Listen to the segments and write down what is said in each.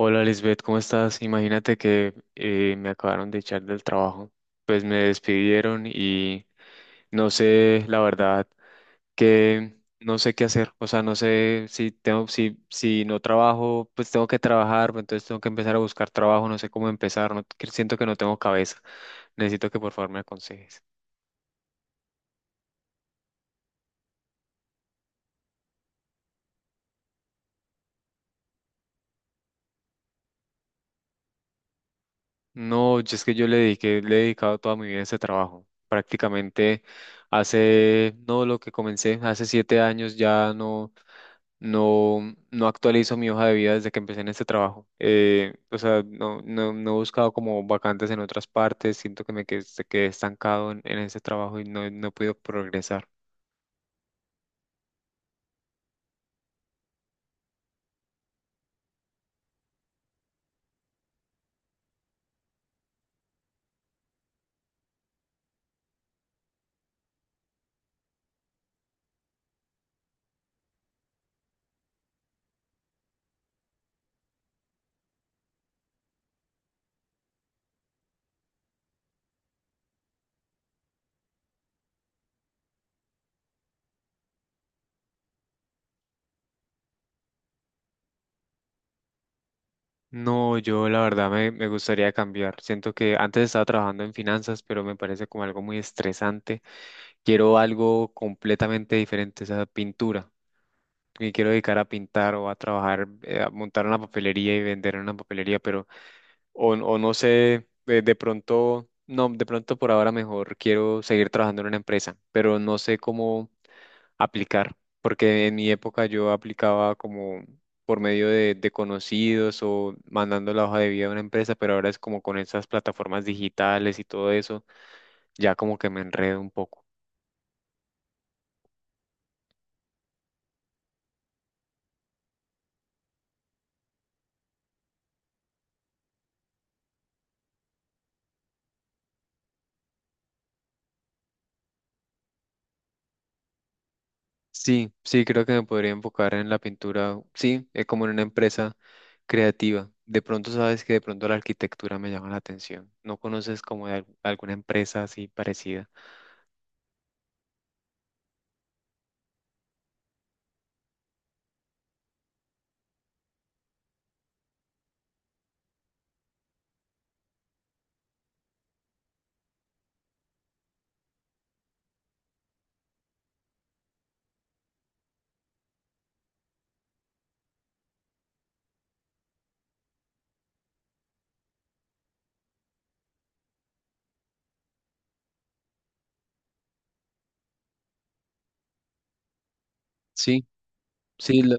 Hola Lisbeth, ¿cómo estás? Imagínate que me acabaron de echar del trabajo. Pues me despidieron y no sé, la verdad, que no sé qué hacer. O sea, no sé si tengo, si, si no trabajo, pues tengo que trabajar, pues entonces tengo que empezar a buscar trabajo, no sé cómo empezar, no, que siento que no tengo cabeza. Necesito que por favor me aconsejes. No, yo es que yo le dediqué, le he dedicado toda mi vida a ese trabajo. Prácticamente hace, no lo que comencé, hace 7 años ya no, no, no actualizo mi hoja de vida desde que empecé en este trabajo. O sea, no, no, no he buscado como vacantes en otras partes, siento que me quedé, quedé estancado en ese trabajo y no, no he podido progresar. No, yo la verdad me, me gustaría cambiar. Siento que antes estaba trabajando en finanzas, pero me parece como algo muy estresante. Quiero algo completamente diferente, o sea, pintura. Me quiero dedicar a pintar o a trabajar, a montar una papelería y vender en una papelería, pero o no sé, de pronto, no, de pronto por ahora mejor quiero seguir trabajando en una empresa, pero no sé cómo aplicar, porque en mi época yo aplicaba como por medio de conocidos o mandando la hoja de vida a una empresa, pero ahora es como con esas plataformas digitales y todo eso, ya como que me enredo un poco. Sí, sí, creo que me podría enfocar en la pintura, sí, es como en una empresa creativa. De pronto sabes que de pronto la arquitectura me llama la atención. ¿No conoces como de alguna empresa así parecida? Sí, sí,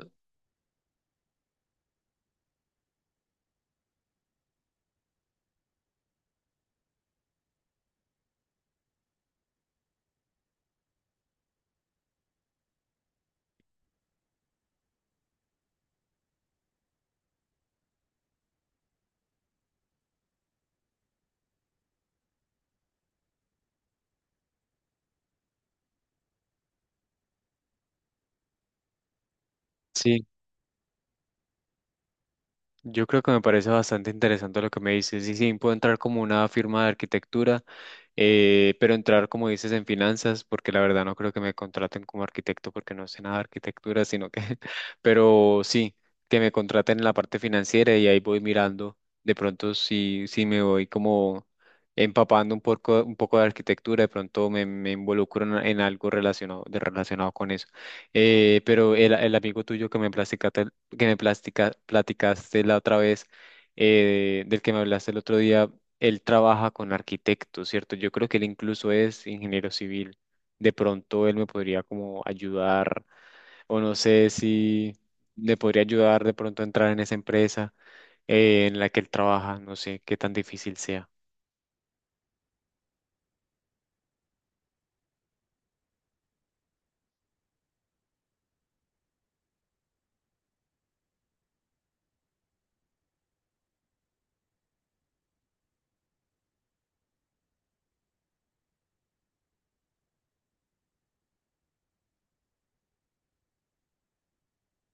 sí. Yo creo que me parece bastante interesante lo que me dices. Y sí, puedo entrar como una firma de arquitectura, pero entrar, como dices, en finanzas, porque la verdad no creo que me contraten como arquitecto porque no sé nada de arquitectura, sino que, pero sí, que me contraten en la parte financiera y ahí voy mirando. De pronto, sí, sí me voy como empapando un poco de arquitectura, de pronto me, me involucro en algo relacionado, relacionado con eso. Pero el amigo tuyo que me platicaste, que me platicaste la otra vez, del que me hablaste el otro día, él trabaja con arquitectos, ¿cierto? Yo creo que él incluso es ingeniero civil. De pronto él me podría como ayudar, o no sé si le podría ayudar de pronto a entrar en esa empresa, en la que él trabaja, no sé qué tan difícil sea.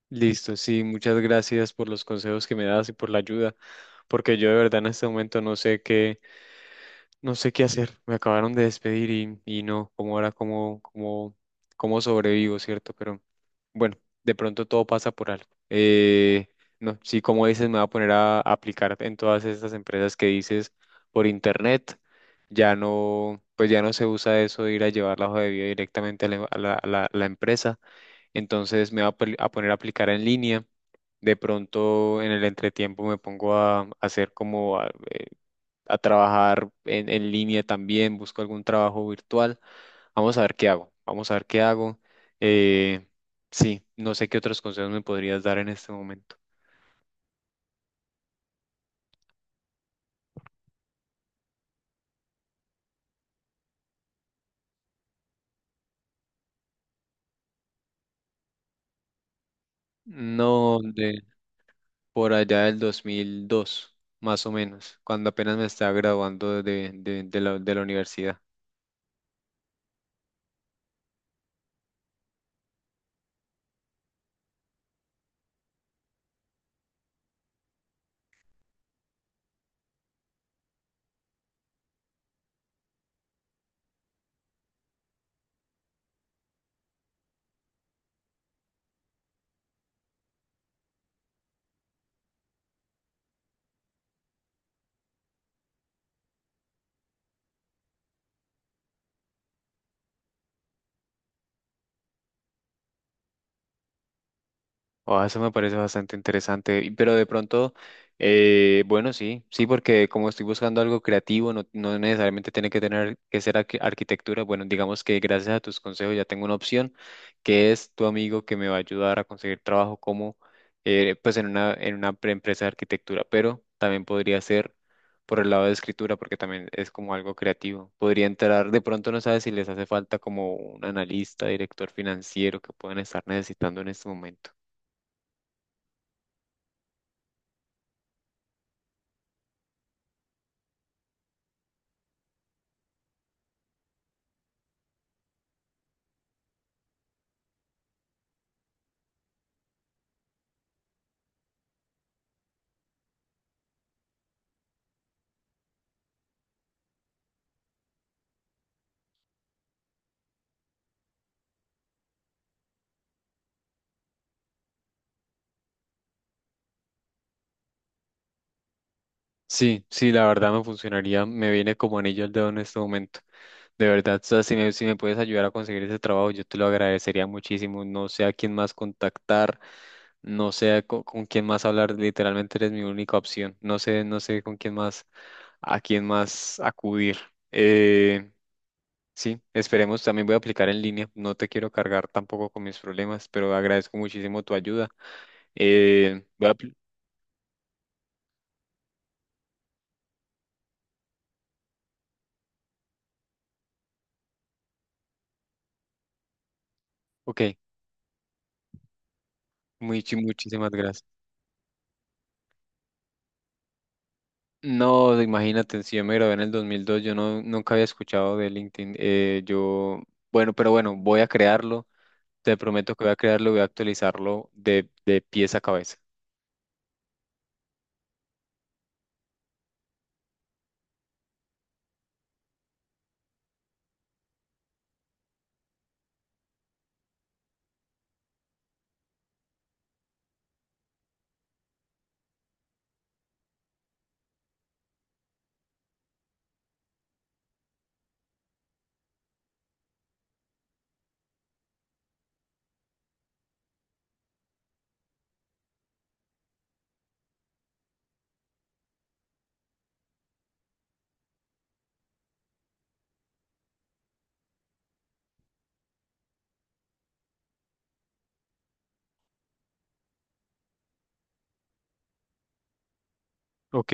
Listo, sí, muchas gracias por los consejos que me das y por la ayuda, porque yo de verdad en este momento no sé qué. No sé qué hacer, me acabaron de despedir y no, como ahora, como, como, como sobrevivo, ¿cierto? Pero bueno, de pronto todo pasa por algo. No, sí, como dices, me voy a poner a aplicar en todas estas empresas que dices por internet. Ya no, pues ya no se usa eso de ir a llevar la hoja de vida directamente a la, a la empresa. Entonces me voy a a poner a aplicar en línea. De pronto en el entretiempo me pongo a hacer como a trabajar en línea también, busco algún trabajo virtual. Vamos a ver qué hago, vamos a ver qué hago. Eh, sí, no sé qué otros consejos me podrías dar en este momento. No, de por allá del 2002 más o menos, cuando apenas me estaba graduando de, de la universidad. Oh, eso me parece bastante interesante, pero de pronto, bueno, sí, sí, porque como estoy buscando algo creativo, no, no necesariamente tiene que tener que ser arquitectura. Bueno, digamos que gracias a tus consejos ya tengo una opción, que es tu amigo que me va a ayudar a conseguir trabajo como, pues en una empresa de arquitectura, pero también podría ser por el lado de escritura, porque también es como algo creativo. Podría entrar, de pronto no sabes si les hace falta como un analista, director financiero que pueden estar necesitando en este momento. Sí, sí, la verdad me funcionaría, me viene como anillo al dedo en este momento. De verdad, o sea, si me, si me puedes ayudar a conseguir ese trabajo, yo te lo agradecería muchísimo. No sé a quién más contactar, no sé a con, quién más hablar, literalmente eres mi única opción. No sé, no sé con quién más, a quién más acudir. Eh, sí, esperemos, también voy a aplicar en línea. No te quiero cargar tampoco con mis problemas, pero agradezco muchísimo tu ayuda. Voy a ok, muchísimas gracias. No, imagínate, si yo me grabé en el 2002, yo no, nunca había escuchado de LinkedIn. Yo, bueno, pero bueno, voy a crearlo. Te prometo que voy a crearlo, voy a actualizarlo de pies a cabeza. Ok.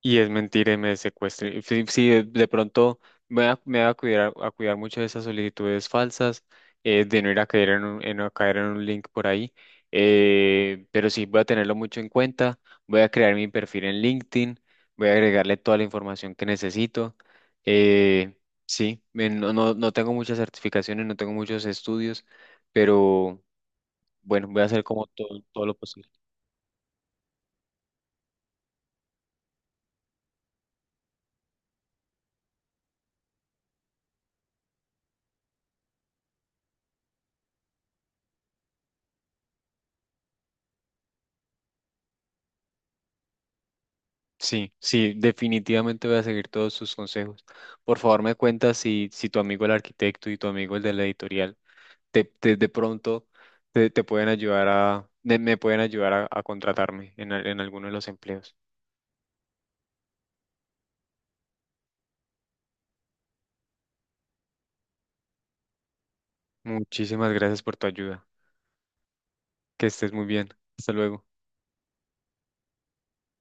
Y es mentira y me secuestre. Sí, sí, de pronto me voy a cuidar mucho de esas solicitudes falsas, de no ir a caer en un, a caer en un link por ahí. Pero sí, voy a tenerlo mucho en cuenta. Voy a crear mi perfil en LinkedIn. Voy a agregarle toda la información que necesito. Eh, sí, no, no, no tengo muchas certificaciones, no tengo muchos estudios, pero bueno, voy a hacer como todo, todo lo posible. Sí, sí, definitivamente voy a seguir todos sus consejos. Por favor, me cuentas si, si tu amigo el arquitecto y tu amigo el de la editorial te, de pronto te, te pueden ayudar a, me pueden ayudar a contratarme en, en alguno de los empleos. Muchísimas gracias por tu ayuda. Que estés muy bien. Hasta luego.